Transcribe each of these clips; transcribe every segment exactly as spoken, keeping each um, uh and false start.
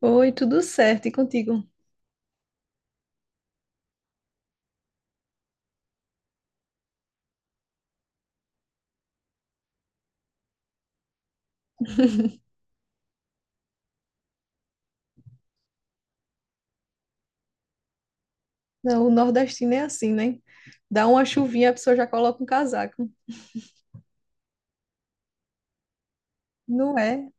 Oi, tudo certo, e contigo? Não, o nordestino é assim, né? Dá uma chuvinha, a pessoa já coloca um casaco. Não é?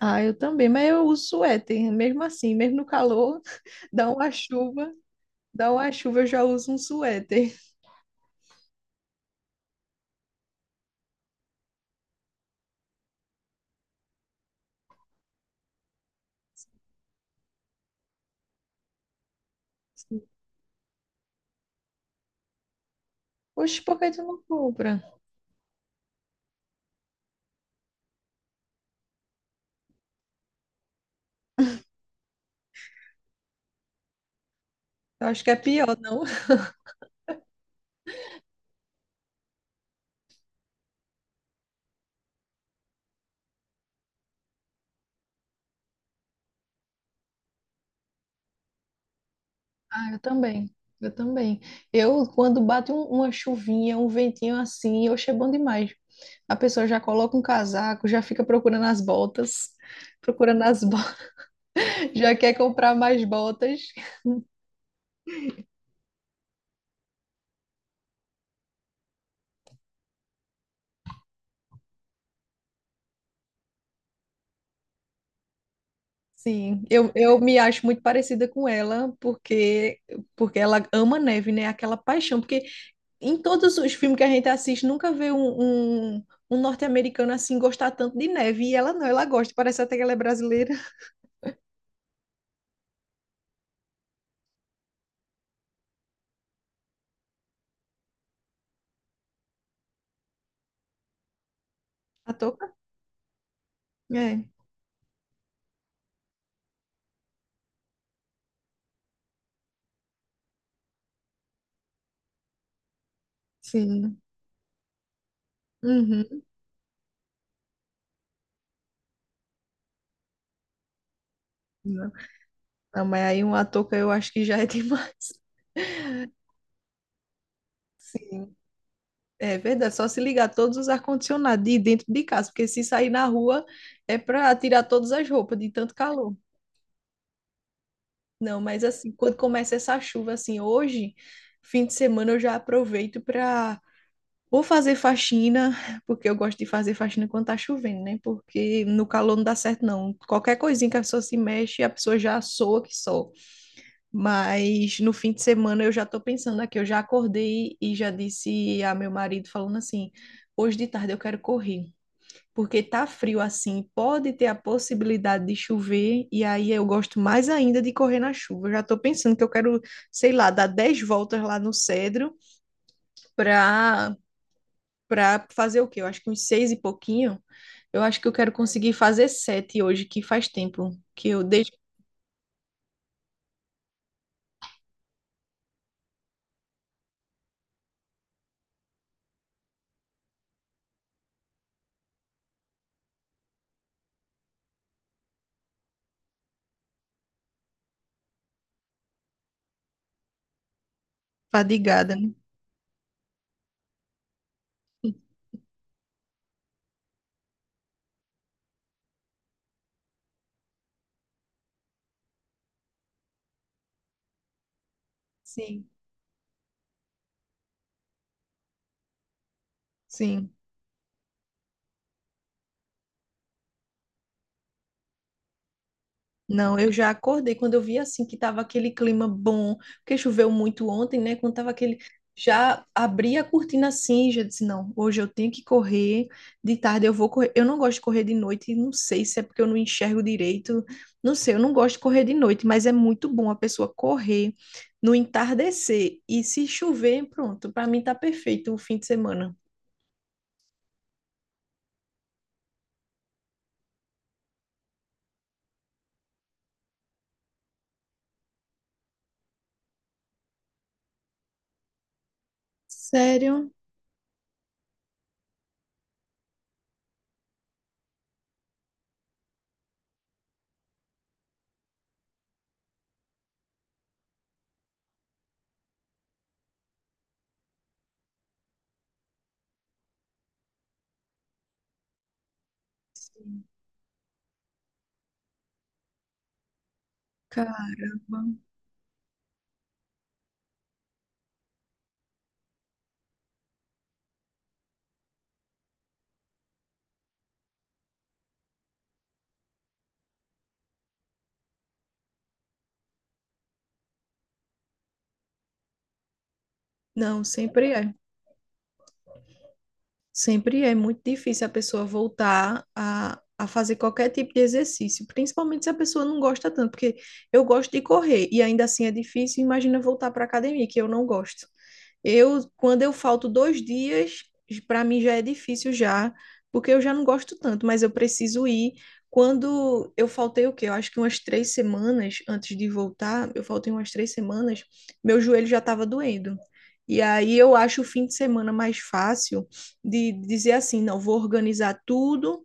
Ah, eu também, mas eu uso suéter, mesmo assim, mesmo no calor, dá uma chuva, dá uma chuva, eu já uso um suéter. Oxe, por que tu não compra? Eu acho que é pior, não? Ah, eu também. Eu também. Eu, quando bate um- uma chuvinha, um ventinho assim, oxe, é bom demais. A pessoa já coloca um casaco, já fica procurando as botas, procurando as já quer comprar mais botas. Sim, eu, eu me acho muito parecida com ela, porque porque ela ama neve, né? Aquela paixão. Porque em todos os filmes que a gente assiste, nunca vê um, um, um norte-americano assim gostar tanto de neve. E ela não, ela gosta. Parece até que ela é brasileira. A touca? É, sim. Uhum. Não, mas aí uma touca eu acho que já é demais. Sim. É verdade, só se ligar todos os ar-condicionados de dentro de casa, porque se sair na rua é para tirar todas as roupas de tanto calor. Não, mas assim, quando começa essa chuva, assim, hoje, fim de semana, eu já aproveito para ou fazer faxina, porque eu gosto de fazer faxina quando tá chovendo, né? Porque no calor não dá certo, não. Qualquer coisinha que a pessoa se mexe, a pessoa já soa que só. Mas no fim de semana eu já tô pensando aqui, eu já acordei e já disse a meu marido falando assim: hoje de tarde eu quero correr. Porque tá frio assim, pode ter a possibilidade de chover, e aí eu gosto mais ainda de correr na chuva. Eu já tô pensando que eu quero, sei lá, dar dez voltas lá no Cedro para para fazer o quê? Eu acho que uns seis e pouquinho. Eu acho que eu quero conseguir fazer sete hoje, que faz tempo que eu deixo fadigada, né? Sim, sim. Não, eu já acordei quando eu vi assim que tava aquele clima bom, porque choveu muito ontem, né? Quando tava aquele. Já abri a cortina assim, e já disse, não, hoje eu tenho que correr, de tarde eu vou correr. Eu não gosto de correr de noite, e não sei se é porque eu não enxergo direito, não sei, eu não gosto de correr de noite, mas é muito bom a pessoa correr no entardecer e se chover, pronto, para mim tá perfeito o fim de semana. Sério? Sim. Caramba. Não, sempre é. Sempre é muito difícil a pessoa voltar a, a fazer qualquer tipo de exercício, principalmente se a pessoa não gosta tanto, porque eu gosto de correr e ainda assim é difícil. Imagina voltar para a academia, que eu não gosto. Eu, quando eu falto dois dias, para mim já é difícil já, porque eu já não gosto tanto, mas eu preciso ir. Quando eu faltei o quê? Eu acho que umas três semanas antes de voltar, eu faltei umas três semanas, meu joelho já estava doendo. E aí eu acho o fim de semana mais fácil de dizer assim, não, vou organizar tudo,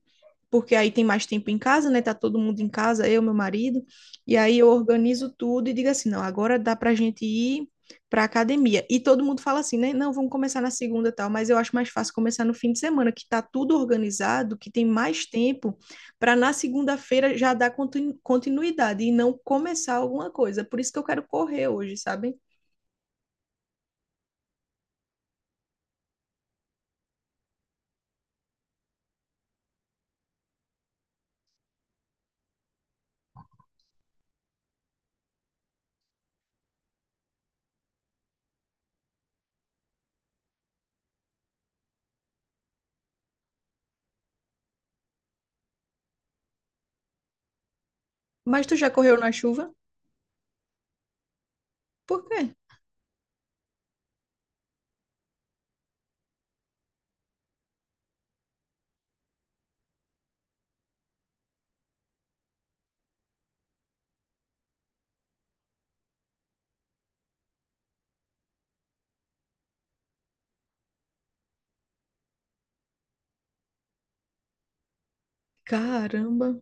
porque aí tem mais tempo em casa, né? Tá todo mundo em casa, eu, meu marido, e aí eu organizo tudo e digo assim, não, agora dá pra gente ir pra academia. E todo mundo fala assim, né? Não, vamos começar na segunda e tal, mas eu acho mais fácil começar no fim de semana, que tá tudo organizado, que tem mais tempo para na segunda-feira já dar continu- continuidade e não começar alguma coisa. Por isso que eu quero correr hoje, sabe? Mas tu já correu na chuva? Por quê? Caramba.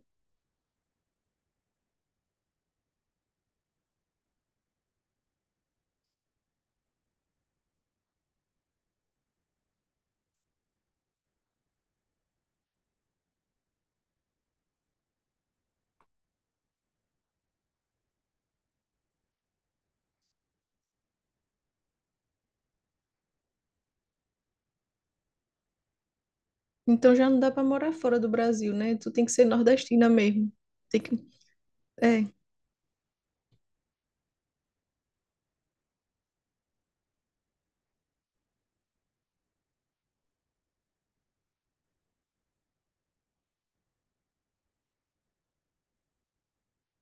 Então já não dá para morar fora do Brasil, né? Tu tem que ser nordestina mesmo. Tem que... É,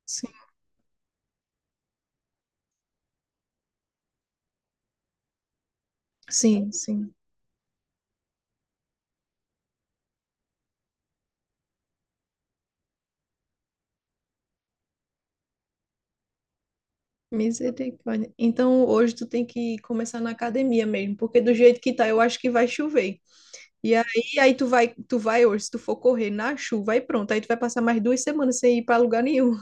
sim, sim, sim. Misericórdia. Então hoje tu tem que começar na academia mesmo, porque do jeito que tá, eu acho que vai chover. E aí, aí tu vai, tu vai hoje, se tu for correr na chuva, aí pronto, aí tu vai passar mais duas semanas sem ir para lugar nenhum.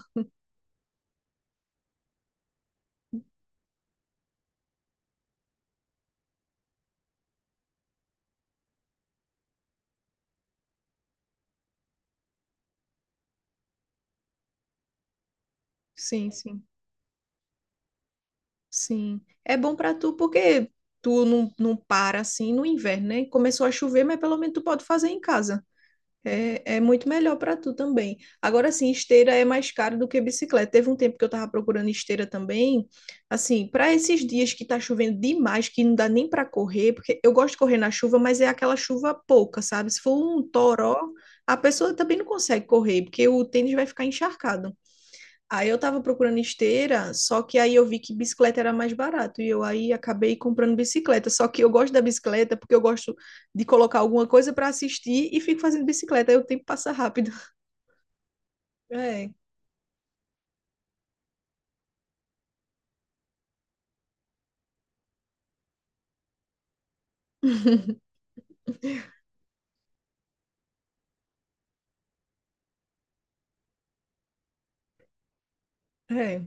Sim, sim, sim. É bom para tu porque tu não, não para assim no inverno, né? Começou a chover, mas pelo menos tu pode fazer em casa. É, é muito melhor para tu também. Agora sim, esteira é mais caro do que bicicleta. Teve um tempo que eu tava procurando esteira também. Assim, para esses dias que tá chovendo demais, que não dá nem para correr, porque eu gosto de correr na chuva, mas é aquela chuva pouca, sabe? Se for um toró, a pessoa também não consegue correr, porque o tênis vai ficar encharcado. Aí eu tava procurando esteira, só que aí eu vi que bicicleta era mais barato e eu aí acabei comprando bicicleta. Só que eu gosto da bicicleta porque eu gosto de colocar alguma coisa para assistir e fico fazendo bicicleta, aí o tempo passa rápido. É, é,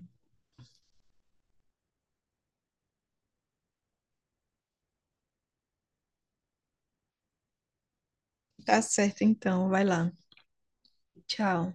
tá certo então, vai lá. Tchau.